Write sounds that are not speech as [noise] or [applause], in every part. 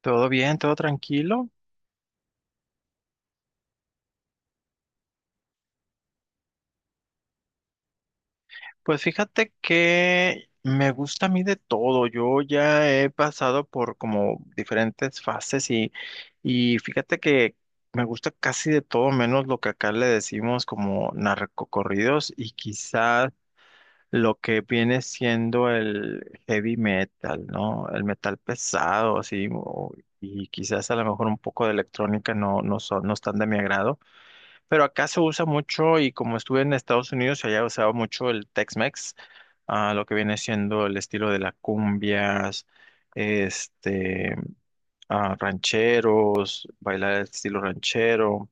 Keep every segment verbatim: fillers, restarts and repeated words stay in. Todo bien, todo tranquilo. Pues fíjate que me gusta a mí de todo. Yo ya he pasado por como diferentes fases y, y fíjate que me gusta casi de todo, menos lo que acá le decimos como narcocorridos y quizás lo que viene siendo el heavy metal, ¿no? El metal pesado, así, o- y quizás a lo mejor un poco de electrónica no, no son, no están de mi agrado. Pero acá se usa mucho y como estuve en Estados Unidos, se haya usado mucho el Tex-Mex, ah, lo que viene siendo el estilo de las cumbias, este, ah, rancheros, bailar el estilo ranchero.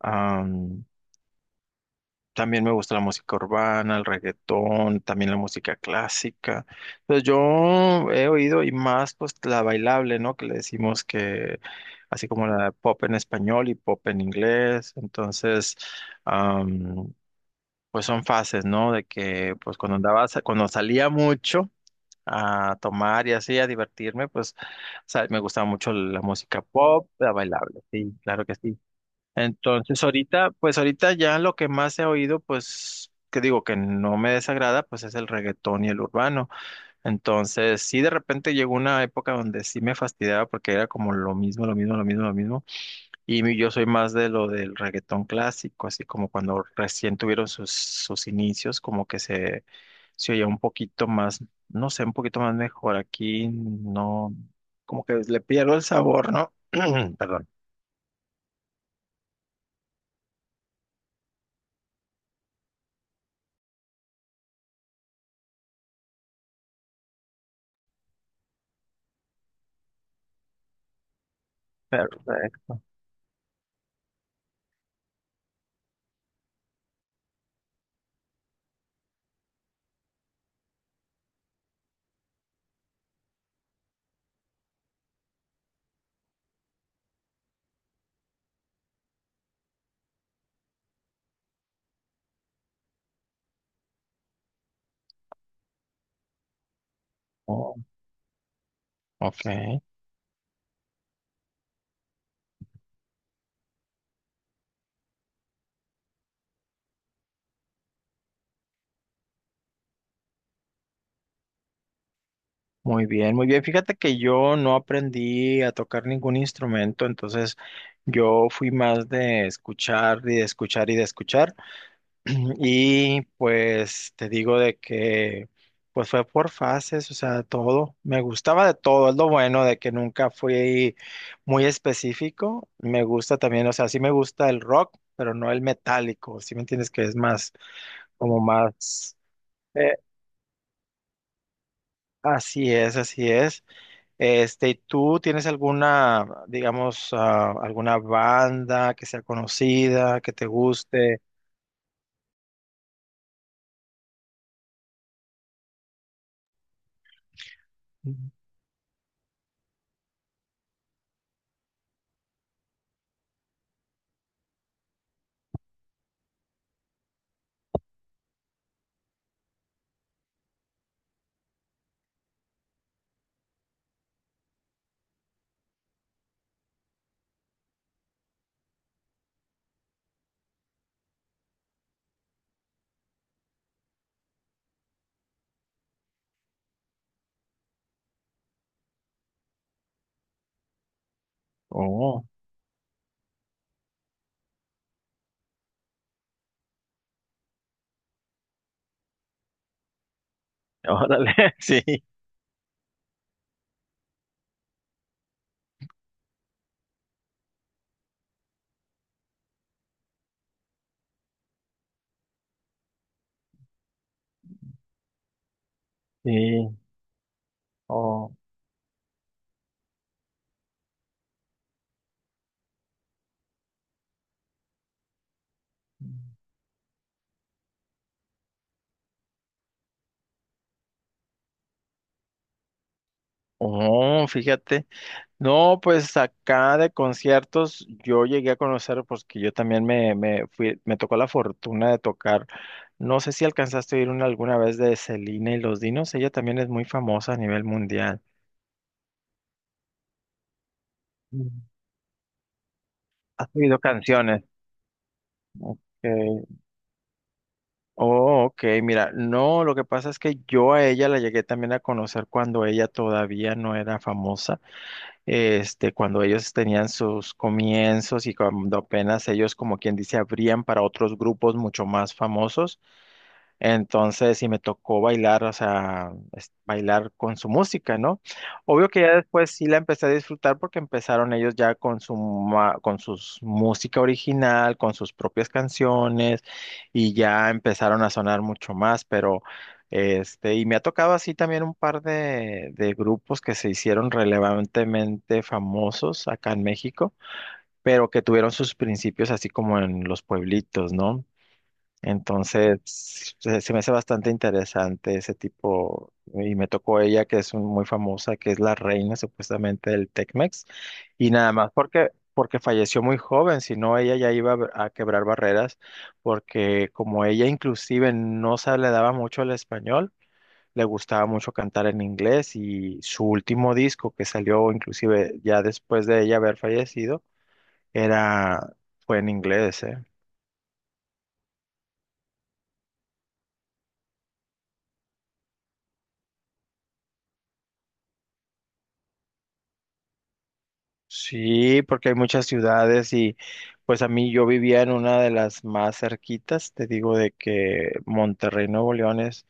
am, También me gusta la música urbana, el reggaetón, también la música clásica. Entonces yo he oído y más pues la bailable, ¿no? Que le decimos que así como la pop en español y pop en inglés. Entonces... Am, pues son fases, ¿no? De que pues cuando andaba, sa- cuando salía mucho a tomar y así, a divertirme, pues sa- me gustaba mucho la música pop, la bailable, sí, claro que sí. Entonces ahorita, pues ahorita ya lo que más he oído, pues que digo que no me desagrada, pues es el reggaetón y el urbano. Entonces sí, de repente llegó una época donde sí me fastidiaba porque era como lo mismo, lo mismo, lo mismo, lo mismo. Y mi- yo soy más de lo del reggaetón clásico, así como cuando recién tuvieron sus, sus inicios, como que se, se oía un poquito más, no sé, un poquito más mejor. Aquí no, como que le pierdo el sabor, ¿no? [clears throat] Perdón. Perfecto. Oh, ok. Muy bien, muy bien. Fíjate que yo no aprendí a tocar ningún instrumento, entonces yo fui más de escuchar y de escuchar y de escuchar. [clears throat] Y pues te digo de que pues fue por fases, o sea, todo. Me gustaba de todo, es lo bueno de que nunca fui muy específico. Me gusta también, o sea, sí me gusta el rock, pero no el metálico, ¿sí me entiendes? Que es más, como más, eh, así es, así es. Este, ¿y ¿tú tienes alguna, digamos, ah, alguna banda que sea conocida, que te guste? Ujú. Oh, órale, [laughs] sí. Sí, oh, oh, fíjate. No, pues acá de conciertos yo llegué a conocer, porque yo también me, me fui, me tocó la fortuna de tocar. No sé si alcanzaste a ir una alguna vez de Selena y los Dinos, ella también es muy famosa a nivel mundial. Mm. ¿Has oído canciones? Ok. Oh, ok, mira, no, lo que pasa es que yo a ella la llegué también a conocer cuando ella todavía no era famosa. Este, cuando ellos tenían sus comienzos y cuando apenas ellos, como quien dice, abrían para otros grupos mucho más famosos. Entonces, sí me tocó bailar, o sea, es- bailar con su música, ¿no? Obvio que ya después sí la empecé a disfrutar porque empezaron ellos ya con su ma- con sus música original, con sus propias canciones y ya empezaron a sonar mucho más, pero este, y me ha tocado así también un par de, de grupos que se hicieron relevantemente famosos acá en México, pero que tuvieron sus principios así como en los pueblitos, ¿no? Entonces, se, se me hace bastante interesante ese tipo, y me tocó ella, que es un- muy famosa, que es la reina supuestamente del Tecmex, y nada más porque, porque falleció muy joven, si no ella ya iba a, br- a quebrar barreras, porque como ella inclusive no se le daba mucho el español, le gustaba mucho cantar en inglés, y su último disco que salió inclusive ya después de ella haber fallecido, era, fue en inglés, ¿eh? Sí, porque hay muchas ciudades y pues a mí yo vivía en una de las más cerquitas, te digo de que Monterrey, Nuevo León es,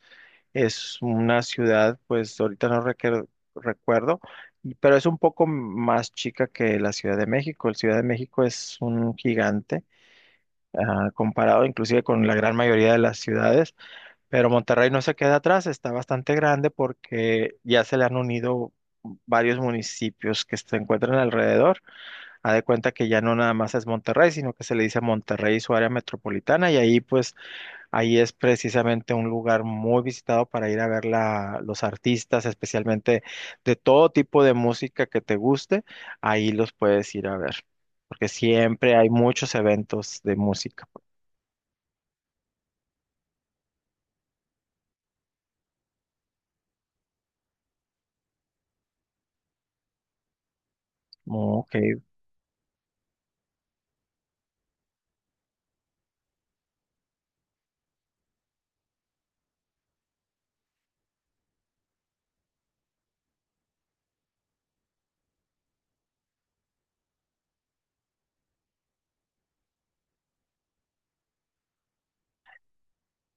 es una ciudad, pues ahorita no requer- recuerdo, y- pero es un poco más chica que la Ciudad de México. La Ciudad de México es un gigante, ah, comparado inclusive con la gran mayoría de las ciudades, pero Monterrey no se queda atrás, está bastante grande porque ya se le han unido varios municipios que se encuentran alrededor. Ha de cuenta que ya no nada más es Monterrey, sino que se le dice Monterrey y su área metropolitana, y ahí pues ahí es precisamente un lugar muy visitado para ir a ver la- los artistas, especialmente de todo tipo de música que te guste, ahí los puedes ir a ver, porque siempre hay muchos eventos de música. Pues. Ok.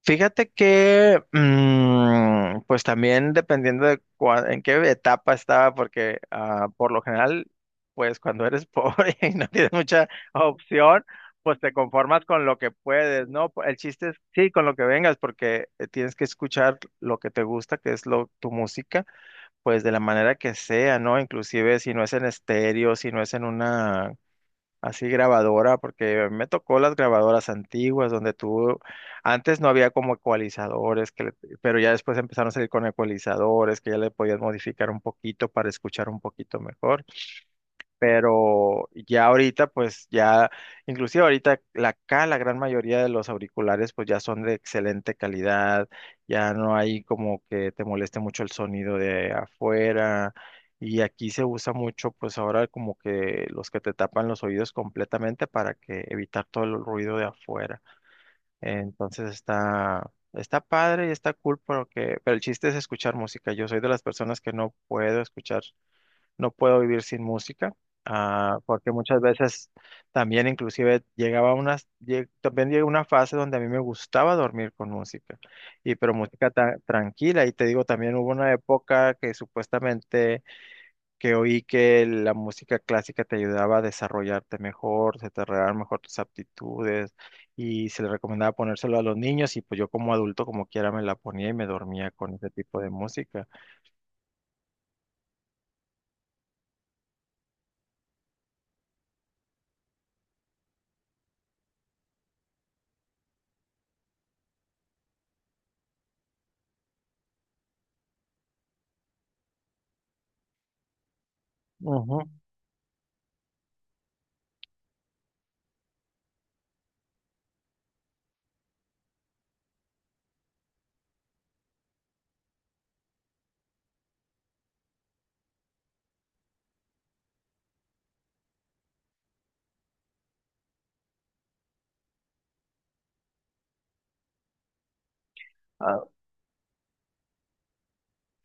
Fíjate que, mm, pues también dependiendo de cua- en qué etapa estaba, porque ah, por lo general, pues cuando eres pobre [laughs] y no tienes mucha opción, pues te conformas con lo que puedes, ¿no? El chiste es, sí, con lo que vengas, porque eh, tienes que escuchar lo que te gusta, que es lo, tu música, pues de la manera que sea, ¿no? Inclusive si no es en estéreo, si no es en una así grabadora, porque me tocó las grabadoras antiguas donde tú, antes no había como ecualizadores, que le- pero ya después empezaron a salir con ecualizadores que ya le podías modificar un poquito para escuchar un poquito mejor, pero ya ahorita, pues ya, inclusive ahorita la, acá la gran mayoría de los auriculares pues ya son de excelente calidad, ya no hay como que te moleste mucho el sonido de afuera y aquí se usa mucho pues ahora como que los que te tapan los oídos completamente para que evitar todo el ruido de afuera. Entonces está... Está padre y está cool, pero que, pero el chiste es escuchar música. Yo soy de las personas que no puedo escuchar no puedo vivir sin música, ah, porque muchas veces también inclusive llegaba a unas, lle- también llegó una fase donde a mí me gustaba dormir con música, y pero música ta- tranquila, y te digo, también hubo una época que supuestamente que oí que la música clásica te ayudaba a desarrollarte mejor, se te arreglaban mejor tus aptitudes, y se le recomendaba ponérselo a los niños, y pues yo como adulto, como quiera, me la ponía y me dormía con ese tipo de música. Ujú.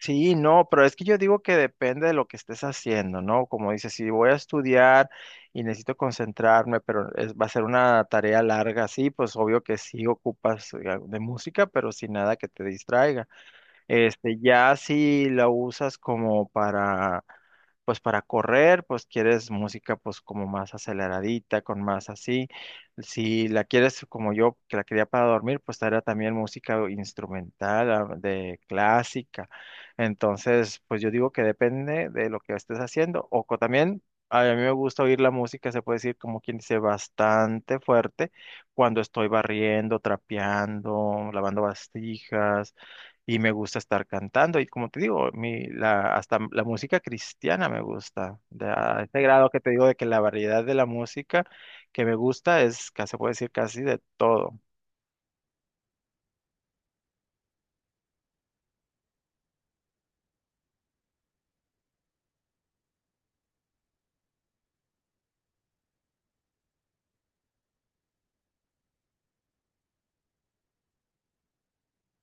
Sí, no, pero es que yo digo que depende de lo que estés haciendo, ¿no? Como dices, si voy a estudiar y necesito concentrarme, pero es- va a ser una tarea larga, sí, pues obvio que sí ocupas eh, de música, pero sin nada que te distraiga. Este, ya si la usas como para, pues para correr, pues quieres música pues como más aceleradita, con más así. Si la quieres como yo, que la quería para dormir, pues era también música instrumental, ah, de clásica. Entonces, pues yo digo que depende de lo que estés haciendo. O co- también, a mí me gusta oír la música, se puede decir como quien dice, bastante fuerte cuando estoy barriendo, trapeando, lavando bastijas y me gusta estar cantando. Y como te digo, mi, la, hasta la música cristiana me gusta. De, a este grado que te digo de que la variedad de la música que me gusta es, ca- se puede decir, casi de todo.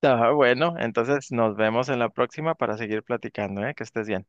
Ah, bueno, entonces nos vemos en la próxima para seguir platicando, ¿eh? Que estés bien.